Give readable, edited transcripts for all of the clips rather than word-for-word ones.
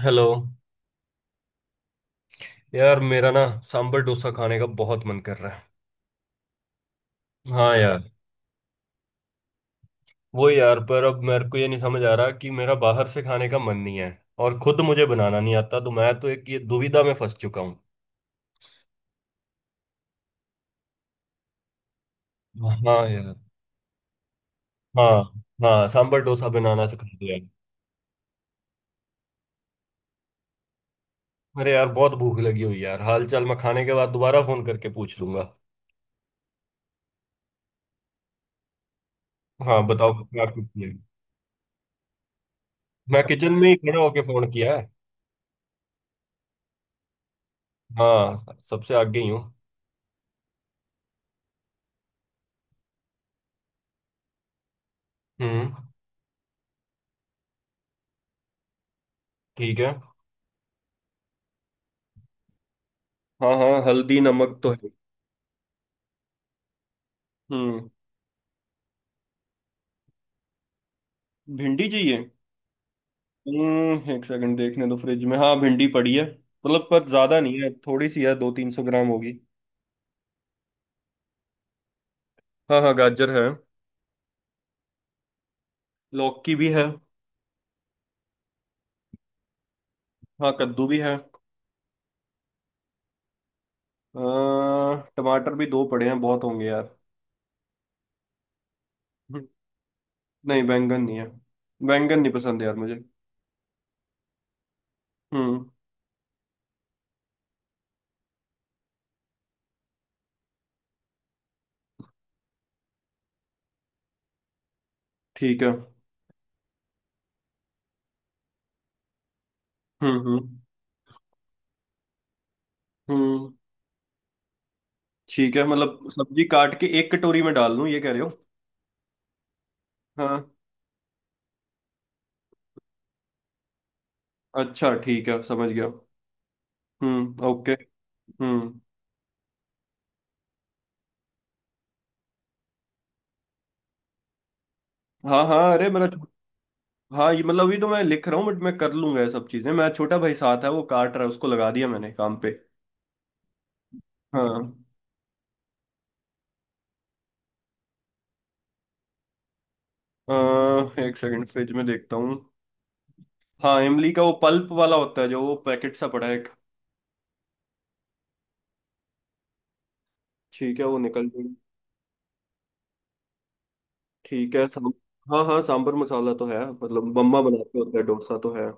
Hello. यार मेरा ना सांबर डोसा खाने का बहुत मन कर रहा है। हाँ यार। वो यार, पर अब मेरे को ये नहीं समझ आ रहा कि मेरा बाहर से खाने का मन नहीं है और खुद मुझे बनाना नहीं आता, तो मैं तो एक ये दुविधा में फंस चुका हूँ। हाँ यार। हाँ। हाँ, सांबर डोसा बनाना सिखा दो यार। अरे यार, बहुत भूख लगी हुई यार, हाल चाल मैं खाने के बाद दोबारा फोन करके पूछ लूंगा। हाँ बताओ क्या किया। मैं किचन में ही खड़ा होके फोन किया है। हाँ, सबसे आगे ही हूँ। हम्म, ठीक है। हाँ हाँ, हल्दी नमक तो है। हम्म। भिंडी चाहिए? हम्म, एक सेकंड देखने दो फ्रिज में। हाँ भिंडी पड़ी है मतलब, पर ज्यादा नहीं है, थोड़ी सी है, 200-300 ग्राम होगी। हाँ हाँ, गाजर है। लौकी भी है। हाँ, कद्दू भी है। टमाटर भी दो पड़े हैं, बहुत होंगे यार। हम्म, नहीं, बैंगन नहीं है। बैंगन नहीं पसंद यार मुझे। हम्म, ठीक है। हम्म। हम्म। ठीक है, मतलब सब्जी काट के एक कटोरी में डाल दूं, ये कह रहे हो? हाँ। अच्छा ठीक है, समझ गया। हम्म, ओके। हम्म। हाँ हाँ, अरे मेरा। हाँ ये मतलब, अभी तो मैं लिख रहा हूँ बट मैं कर लूंगा ये सब चीजें, मैं छोटा भाई साथ है, वो काट रहा है, उसको लगा दिया मैंने काम पे। हाँ। एक सेकंड फ्रिज में देखता हूँ। हाँ, इमली का वो पल्प वाला होता है जो, वो पैकेट सा पड़ा है एक। ठीक है, वो निकल जाएगा। ठीक है। सांब हाँ हाँ, सांबर मसाला तो है, मतलब बम्मा बनाते होता है डोसा तो है।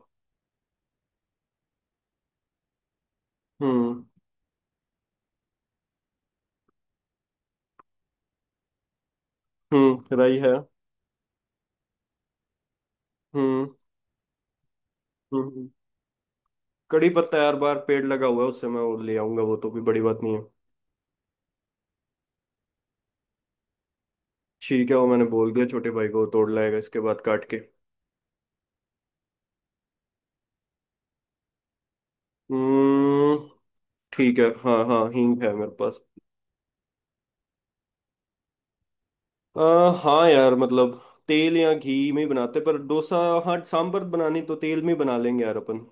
हम्म। हम्म, राई है। हम्म हम्म हम्म। कड़ी पत्ता यार, बार पेड़ लगा हुआ है उससे, मैं वो ले आऊंगा, वो तो भी बड़ी बात नहीं है। ठीक है, वो मैंने बोल दिया छोटे भाई को, वो तोड़ लाएगा इसके बाद काट के। हम्म, ठीक है। हाँ हाँ, हींग है मेरे पास। आ, हाँ यार मतलब, तेल या घी में ही बनाते पर, डोसा। हाँ, सांबर बनानी तो तेल में ही बना लेंगे यार अपन।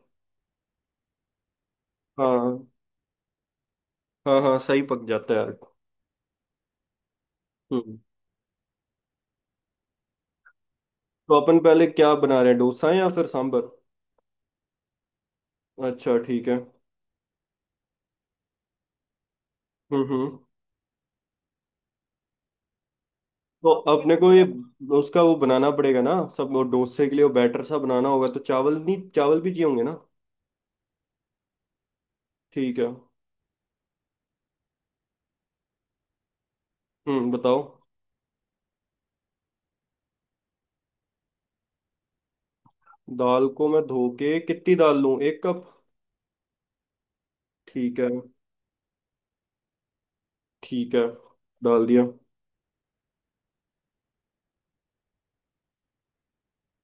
हाँ। हाँ हाँ, सही पक जाता है यार। हम्म। तो अपन पहले क्या बना रहे हैं, डोसा या फिर सांबर? अच्छा ठीक है। हम्म। तो अपने को ये, उसका वो बनाना पड़ेगा ना सब, वो डोसे के लिए वो बैटर सा बनाना होगा, तो चावल, नहीं चावल भी चाहिए होंगे ना? ठीक है। हम्म, बताओ। दाल को मैं धो के, कितनी दाल लूँ, 1 कप? ठीक है। ठीक है, डाल दिया।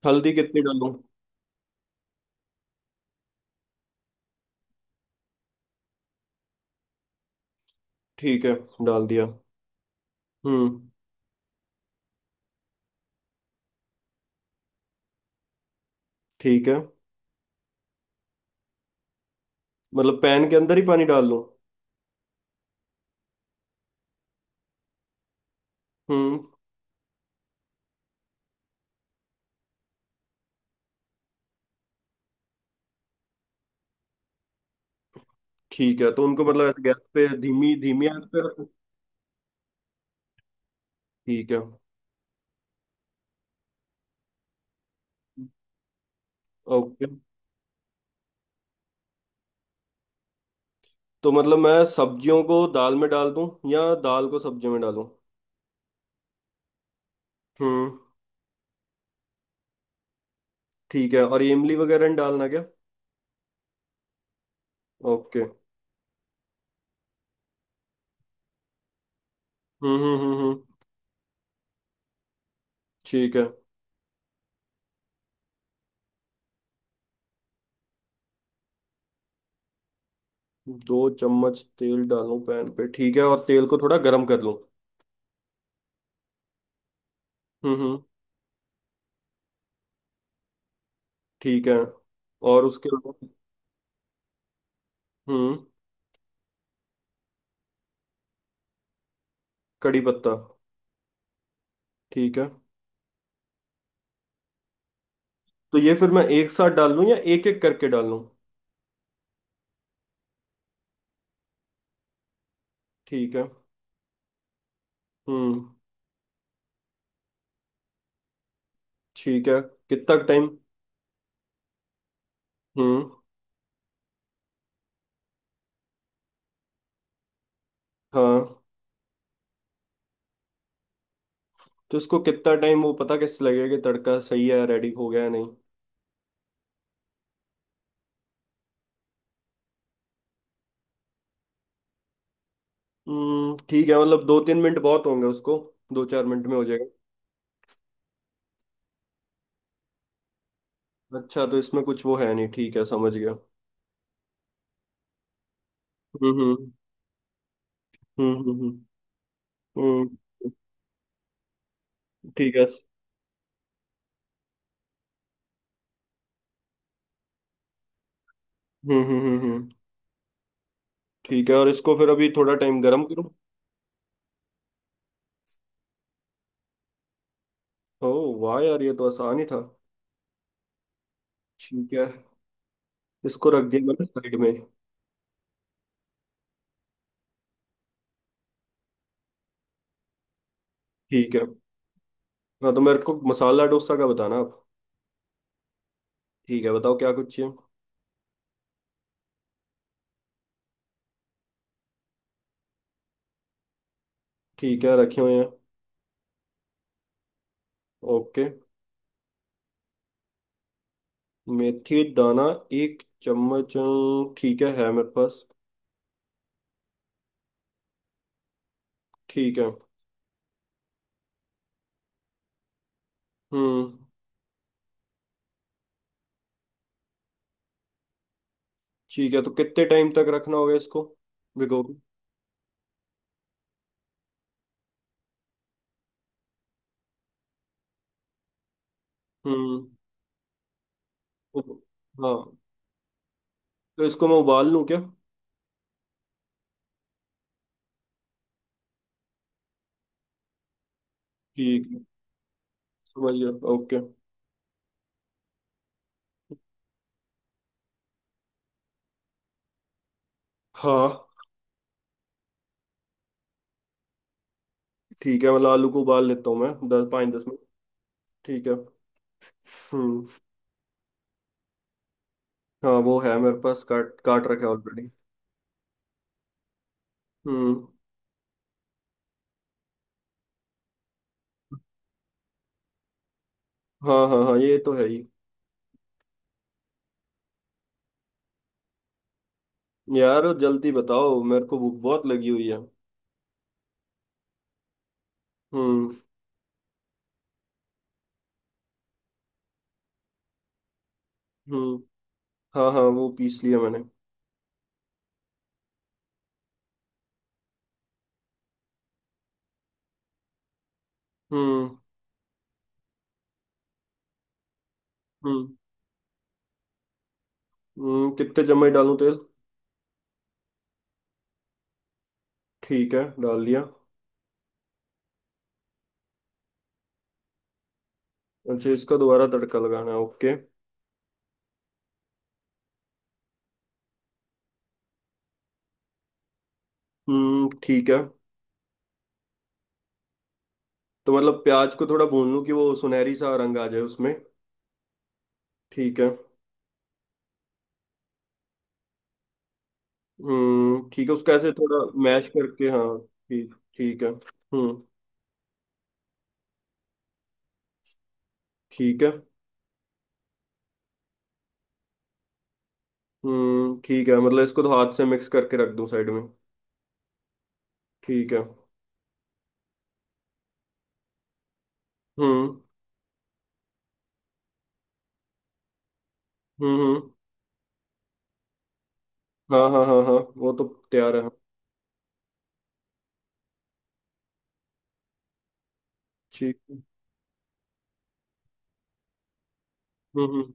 हल्दी कितनी डालूं? ठीक है, डाल दिया। हम्म। ठीक है, मतलब पैन के अंदर ही पानी डाल लूं? हम्म। ठीक है, तो उनको मतलब ऐसे गैस पे धीमी धीमी आंच पे रखूं? ठीक है। ओके। तो मतलब मैं सब्जियों को दाल में डाल दूं या दाल को सब्जियों में डालूं? हम्म। ठीक है, और ये इमली वगैरह नहीं डालना क्या? ओके। हम्म। ठीक है। 2 चम्मच तेल डालूं पैन पे? ठीक है, और तेल को थोड़ा गर्म कर लूं। हम्म हम्म। ठीक है, और उसके बाद? हम्म। कड़ी पत्ता? ठीक है। तो ये फिर मैं एक साथ डाल लूं या एक एक करके डाल लूं? ठीक है। हम्म। ठीक है, कितना टाइम? हम्म। हाँ। तो इसको कितना टाइम, वो पता कैसे लगेगा कि तड़का सही है, रेडी हो गया या नहीं? हम्म, ठीक है, मतलब 2-3 मिनट बहुत होंगे उसको। 2-4 मिनट में हो जाएगा। अच्छा, तो इसमें कुछ वो है नहीं, ठीक है समझ गया। हम्म। हम्म। हम्म। ठीक है। हम्म। ठीक है, और इसको फिर अभी थोड़ा टाइम गर्म करूं? ओह वाह यार, ये तो आसान ही था। ठीक है। इसको रख दिया मैंने साइड में। ठीक है। हाँ, तो मेरे को मसाला डोसा का बताना आप। ठीक है, बताओ क्या कुछ चाहिए। ठीक है, रखे हुए हैं। ओके। मेथी दाना 1 चम्मच। ठीक है मेरे पास। ठीक है। हम्म। ठीक है, तो कितने टाइम तक रखना होगा इसको भिगो के? हम्म। उब- हाँ, तो इसको मैं उबाल लूँ क्या? ठीक है, समझ गया। ओके। हाँ। ठीक है, मतलब आलू को उबाल लेता हूँ मैं दस, पाँच दस मिनट। ठीक है। हम्म। हाँ, वो है मेरे पास, काट काट रखा है ऑलरेडी। हम्म। हाँ हाँ हाँ, ये तो है ही। यार जल्दी बताओ, मेरे को भूख बहुत लगी हुई है। हम्म। हम्म, हाँ हाँ, वो पीस लिया मैंने। हम्म। हम्म कितने चम्मच डालूं तेल? ठीक है, डाल लिया। अच्छा, इसका दोबारा तड़का लगाना है, ओके। हम्म, ठीक है। तो मतलब प्याज को थोड़ा भून लूं कि वो सुनहरी सा रंग आ जाए उसमें। ठीक है। हम्म, ठीक है उसको ऐसे थोड़ा। मैश करके हाँ, ठीक ठीक है। हम्म, ठीक है। हम्म, ठीक है, मतलब इसको तो हाथ से मिक्स करके रख दूं साइड में। ठीक है। हम्म हम्म। हाँ हाँ हाँ हाँ, वो तो तैयार है। ठीक है। हम्म।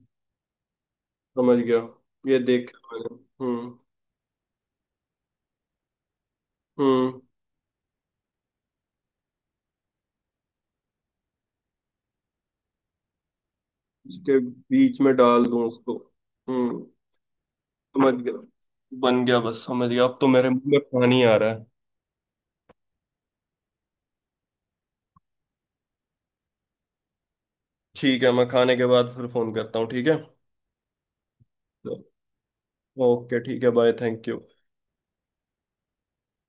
समझ गया। ये देख मैंने। हम्म हम्म। इसके बीच में डाल दूं उसको? हम्म। समझ गया। बन गया बस, समझ गया अब तो, मेरे मुंह में पानी आ रहा है। ठीक है, मैं खाने के बाद फिर फोन करता हूँ, ठीक है। ओके ठीक है, बाय। Thank you.